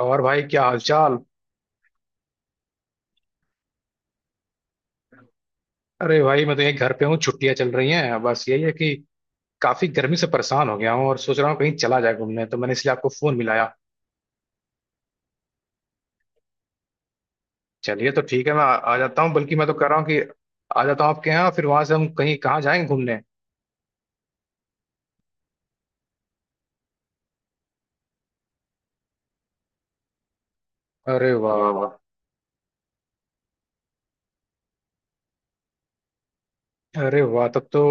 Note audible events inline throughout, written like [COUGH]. और भाई, क्या हालचाल? अरे भाई, मैं तो यही घर पे हूँ। छुट्टियां चल रही हैं। बस यही है कि काफी गर्मी से परेशान हो गया हूँ और सोच रहा हूँ कहीं चला जाए घूमने, तो मैंने इसलिए आपको फोन मिलाया। चलिए, तो ठीक है, मैं आ जाता हूँ। बल्कि मैं तो कह रहा हूँ कि आ जाता हूँ आपके यहाँ, फिर वहां से हम कहीं कहाँ जाएंगे घूमने। अरे वाह वाह वाह। अरे वाह, तब तो।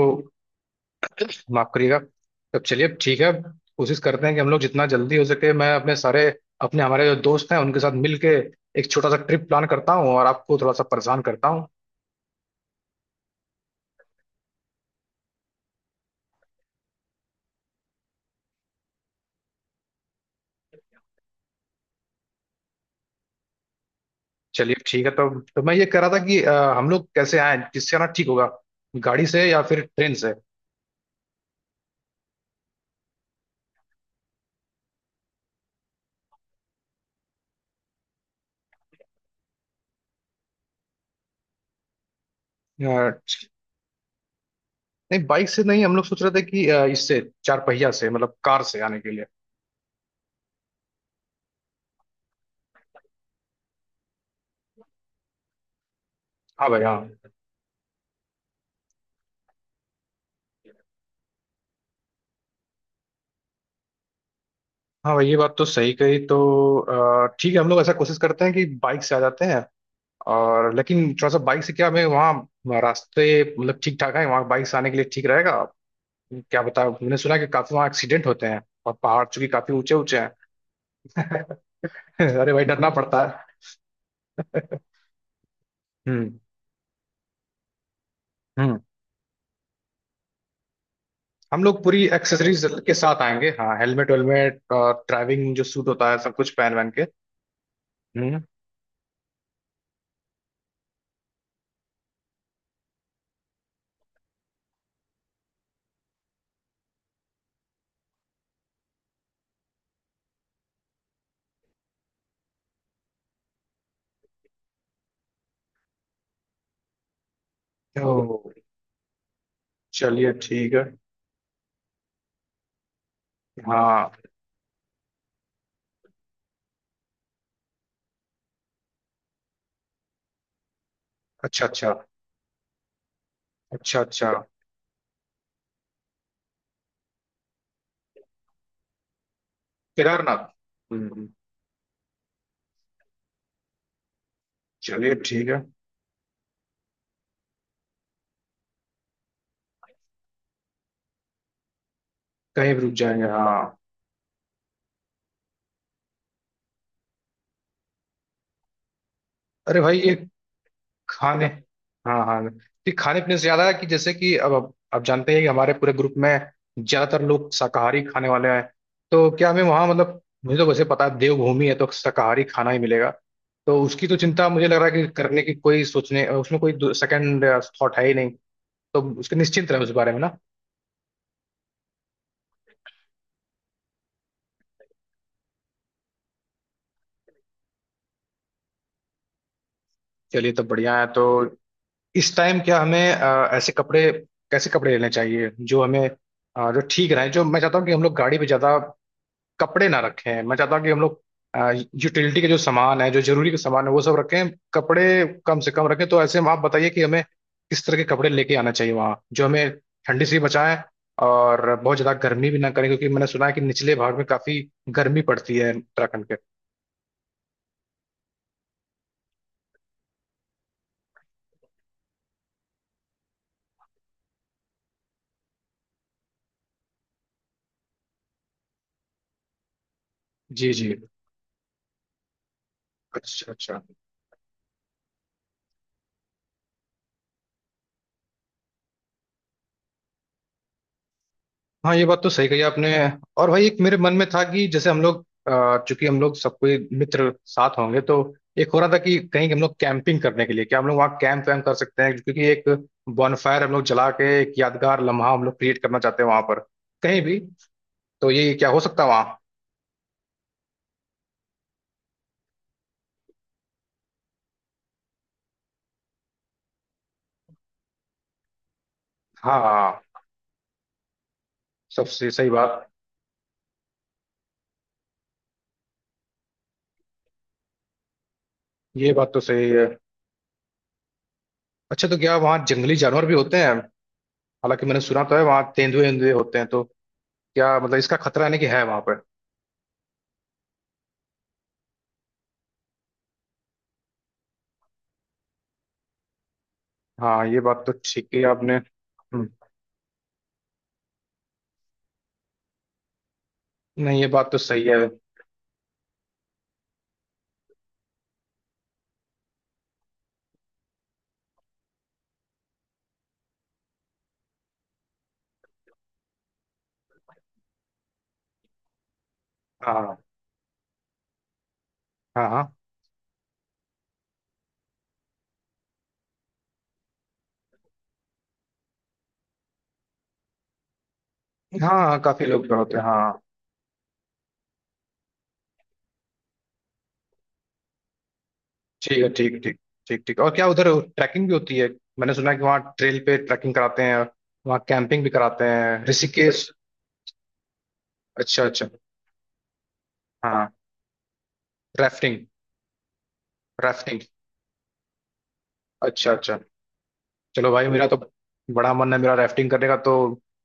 माफ करिएगा। तब चलिए ठीक है। कोशिश करते हैं कि हम लोग जितना जल्दी हो सके, मैं अपने सारे अपने हमारे जो दोस्त हैं उनके साथ मिल के एक छोटा सा ट्रिप प्लान करता हूँ और आपको थोड़ा सा परेशान करता हूँ। चलिए ठीक है। तो मैं ये कह रहा था कि हम लोग कैसे आए, किससे आना ठीक होगा? गाड़ी से या फिर ट्रेन से? अ, नहीं, बाइक से नहीं, हम लोग सोच रहे थे कि इससे चार पहिया से मतलब कार से आने के लिए। हाँ भाई, हाँ। हाँ भाई, ये बात तो सही कही। तो ठीक है, हम लोग ऐसा कोशिश करते हैं कि बाइक से आ जाते हैं। और लेकिन थोड़ा सा बाइक से क्या हमें वहाँ रास्ते मतलब ठीक ठाक है? वहाँ बाइक से आने के लिए ठीक रहेगा? क्या बता, मैंने सुना है कि काफी वहाँ एक्सीडेंट होते हैं, और पहाड़ चूंकि काफी ऊंचे ऊंचे हैं। [LAUGHS] अरे भाई, डरना पड़ता है। हम्म। हम्म। हम लोग पूरी एक्सेसरीज के साथ आएंगे, हाँ, हेलमेट वेलमेट और ड्राइविंग जो सूट होता है सब कुछ पहन वहन के। हम्म। तो चलिए ठीक है। हाँ। अच्छा अच्छा। अच्छा अच्छा। केदारनाथ। हम्म। चलिए ठीक है। कहीं भी रुक जाएंगे, हाँ। अरे भाई, एक खाने, हाँ हाँ, कि खाने पीने से ज्यादा, कि जैसे कि अब आप जानते हैं कि हमारे पूरे ग्रुप में ज्यादातर लोग शाकाहारी खाने वाले हैं। तो क्या हमें वहाँ, मतलब मुझे तो वैसे पता है, देवभूमि है तो शाकाहारी खाना ही मिलेगा। तो उसकी तो चिंता, मुझे लग रहा है कि करने की कोई सोचने उसमें कोई सेकंड थॉट है ही नहीं। तो उसके निश्चिंत रहे उस बारे में, ना? चलिए, तो बढ़िया है। तो इस टाइम क्या हमें ऐसे कपड़े, कैसे कपड़े लेने चाहिए जो हमें जो ठीक रहे? जो मैं चाहता हूँ कि हम लोग गाड़ी पे ज्यादा कपड़े ना रखें। मैं चाहता हूँ कि हम लोग यूटिलिटी के जो सामान है, जो जरूरी के सामान है, वो सब रखें, कपड़े कम से कम रखें। तो ऐसे में आप बताइए कि हमें किस तरह के कपड़े लेके आना चाहिए वहाँ, जो हमें ठंडी से भी बचाएं और बहुत ज़्यादा गर्मी भी ना करें, क्योंकि मैंने सुना है कि निचले भाग में काफ़ी गर्मी पड़ती है उत्तराखंड के। जी जी। अच्छा अच्छा। हाँ, ये बात तो सही कही आपने। और भाई, एक मेरे मन में था कि जैसे हम लोग चूंकि हम लोग सब कोई मित्र साथ होंगे, तो एक हो रहा था कि कहीं हम लोग कैंपिंग करने के लिए, क्या हम लोग वहाँ कैंप वैम्प कर सकते हैं? क्योंकि एक बॉनफायर हम लोग जला के एक यादगार लम्हा हम लोग क्रिएट करना चाहते हैं वहां पर, कहीं भी। तो ये क्या हो सकता है वहाँ? हाँ हाँ, सबसे सही बात। ये बात तो सही है। अच्छा, तो क्या वहाँ जंगली जानवर भी होते हैं? हालांकि मैंने सुना तो है वहाँ तेंदुए तेंदुए होते हैं, तो क्या मतलब इसका खतरा यानी कि है वहां पर? हाँ, ये बात तो ठीक है आपने। हम्म। नहीं, ये बात तो सही है। हाँ हाँ। हाँ हाँ। हाँ, काफी लोग तो होते हैं, हाँ। ठीक है, ठीक ठीक। ठीक ठीक। और क्या उधर ट्रैकिंग भी होती है? मैंने सुना है कि वहाँ ट्रेल पे ट्रैकिंग कराते हैं, वहाँ कैंपिंग भी कराते हैं, ऋषिकेश। अच्छा अच्छा। हाँ। राफ्टिंग। राफ्टिंग। अच्छा अच्छा। चलो भाई, मेरा तो बड़ा मन है, मेरा राफ्टिंग करने का। तो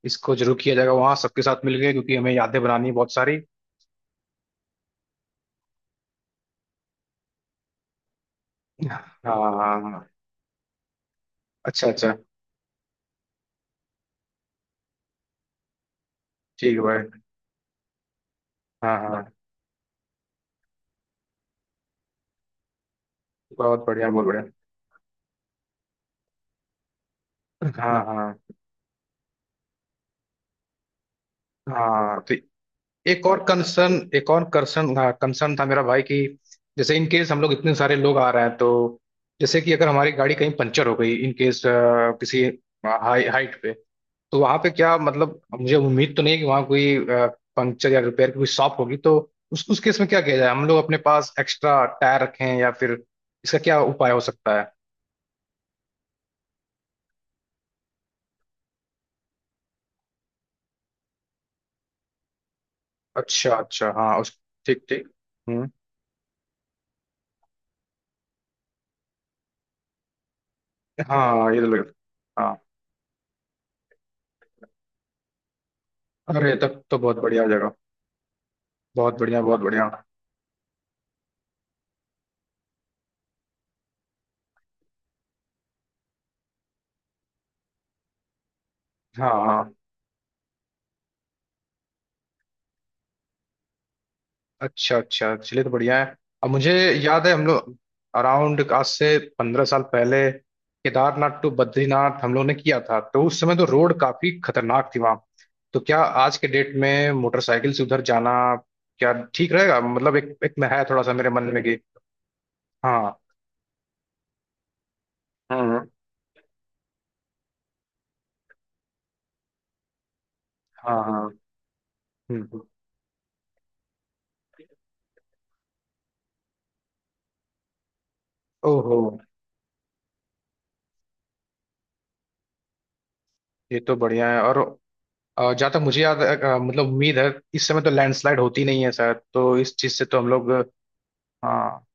इसको जरूर किया जाएगा वहाँ सबके साथ मिल गए, क्योंकि हमें यादें बनानी है बहुत सारी। हाँ हाँ, हाँ। हाँ। अच्छा अच्छा। ठीक है भाई। हाँ हाँ। बहुत बढ़िया, बहुत बढ़िया। हाँ हाँ। हाँ। तो एक और कंसर्न, हाँ, कंसर्न था मेरा भाई कि जैसे इन केस हम लोग इतने सारे लोग आ रहे हैं, तो जैसे कि अगर हमारी गाड़ी कहीं पंचर हो गई इन केस किसी हाई हाइट पे, तो वहां पे क्या मतलब, मुझे उम्मीद तो नहीं है कि वहां कोई पंक्चर या रिपेयर की कोई शॉप होगी। तो उस केस में क्या किया जाए? हम लोग अपने पास एक्स्ट्रा टायर रखें या फिर इसका क्या उपाय हो सकता है? अच्छा अच्छा, हाँ उस। ठीक ठीक। हम्म। हाँ, ये तो लग। हाँ। अरे तब तो बहुत बढ़िया जगह। बहुत बढ़िया, बहुत बढ़िया। हाँ हाँ। अच्छा अच्छा, चलिए तो बढ़िया है। अब मुझे याद है हम लोग अराउंड आज से 15 साल पहले केदारनाथ टू बद्रीनाथ हम लोग ने किया था, तो उस समय तो रोड काफी खतरनाक थी वहां। तो क्या आज के डेट में मोटरसाइकिल से उधर जाना क्या ठीक रहेगा? मतलब एक एक में है थोड़ा सा मेरे मन में कि, हाँ। हम्म। हाँ हाँ। हम्म। ओहो। ये तो बढ़िया है। और जहाँ तक मुझे याद है, मतलब उम्मीद है इस समय तो लैंडस्लाइड होती नहीं है शायद, तो इस चीज़ से तो हम लोग। हाँ।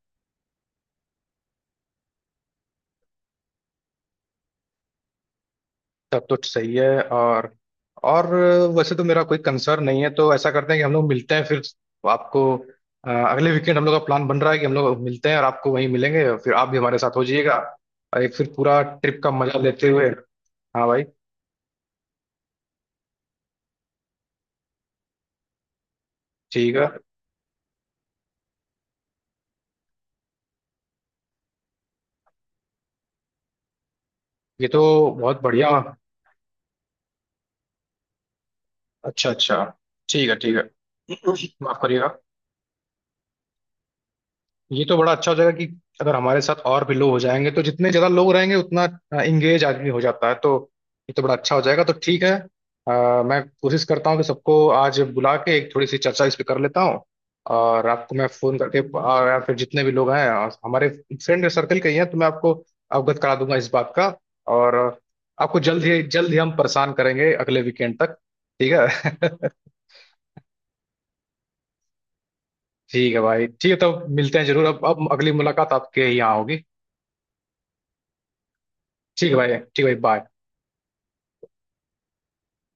तब तो सही है। और वैसे तो मेरा कोई कंसर्न नहीं है। तो ऐसा करते हैं कि हम लोग मिलते हैं फिर। आपको अगले वीकेंड हम लोग का प्लान बन रहा है कि हम लोग मिलते हैं और आपको वहीं मिलेंगे और फिर आप भी हमारे साथ हो जाइएगा और एक फिर पूरा ट्रिप का मजा लेते हुए, हाँ भाई। ठीक है। ये तो बहुत बढ़िया। अच्छा अच्छा। ठीक है, ठीक है। माफ करिएगा। ये तो बड़ा अच्छा हो जाएगा कि अगर हमारे साथ और भी लोग हो जाएंगे, तो जितने ज्यादा लोग रहेंगे उतना इंगेज आदमी हो जाता है। तो ये तो बड़ा अच्छा हो जाएगा, तो ठीक है। मैं कोशिश करता हूँ कि सबको आज बुला के एक थोड़ी सी चर्चा इस पे कर लेता हूँ और आपको मैं फोन करके और या फिर जितने भी लोग हैं और हमारे फ्रेंड सर्कल के ही हैं तो मैं आपको अवगत करा दूंगा इस बात का। और आपको जल्द ही हम परेशान करेंगे अगले वीकेंड तक। ठीक है। [LAUGHS] ठीक है भाई, ठीक है। तब मिलते हैं जरूर। अब अगली मुलाकात आपके यहाँ होगी। ठीक है भाई, ठीक है भाई, बाय।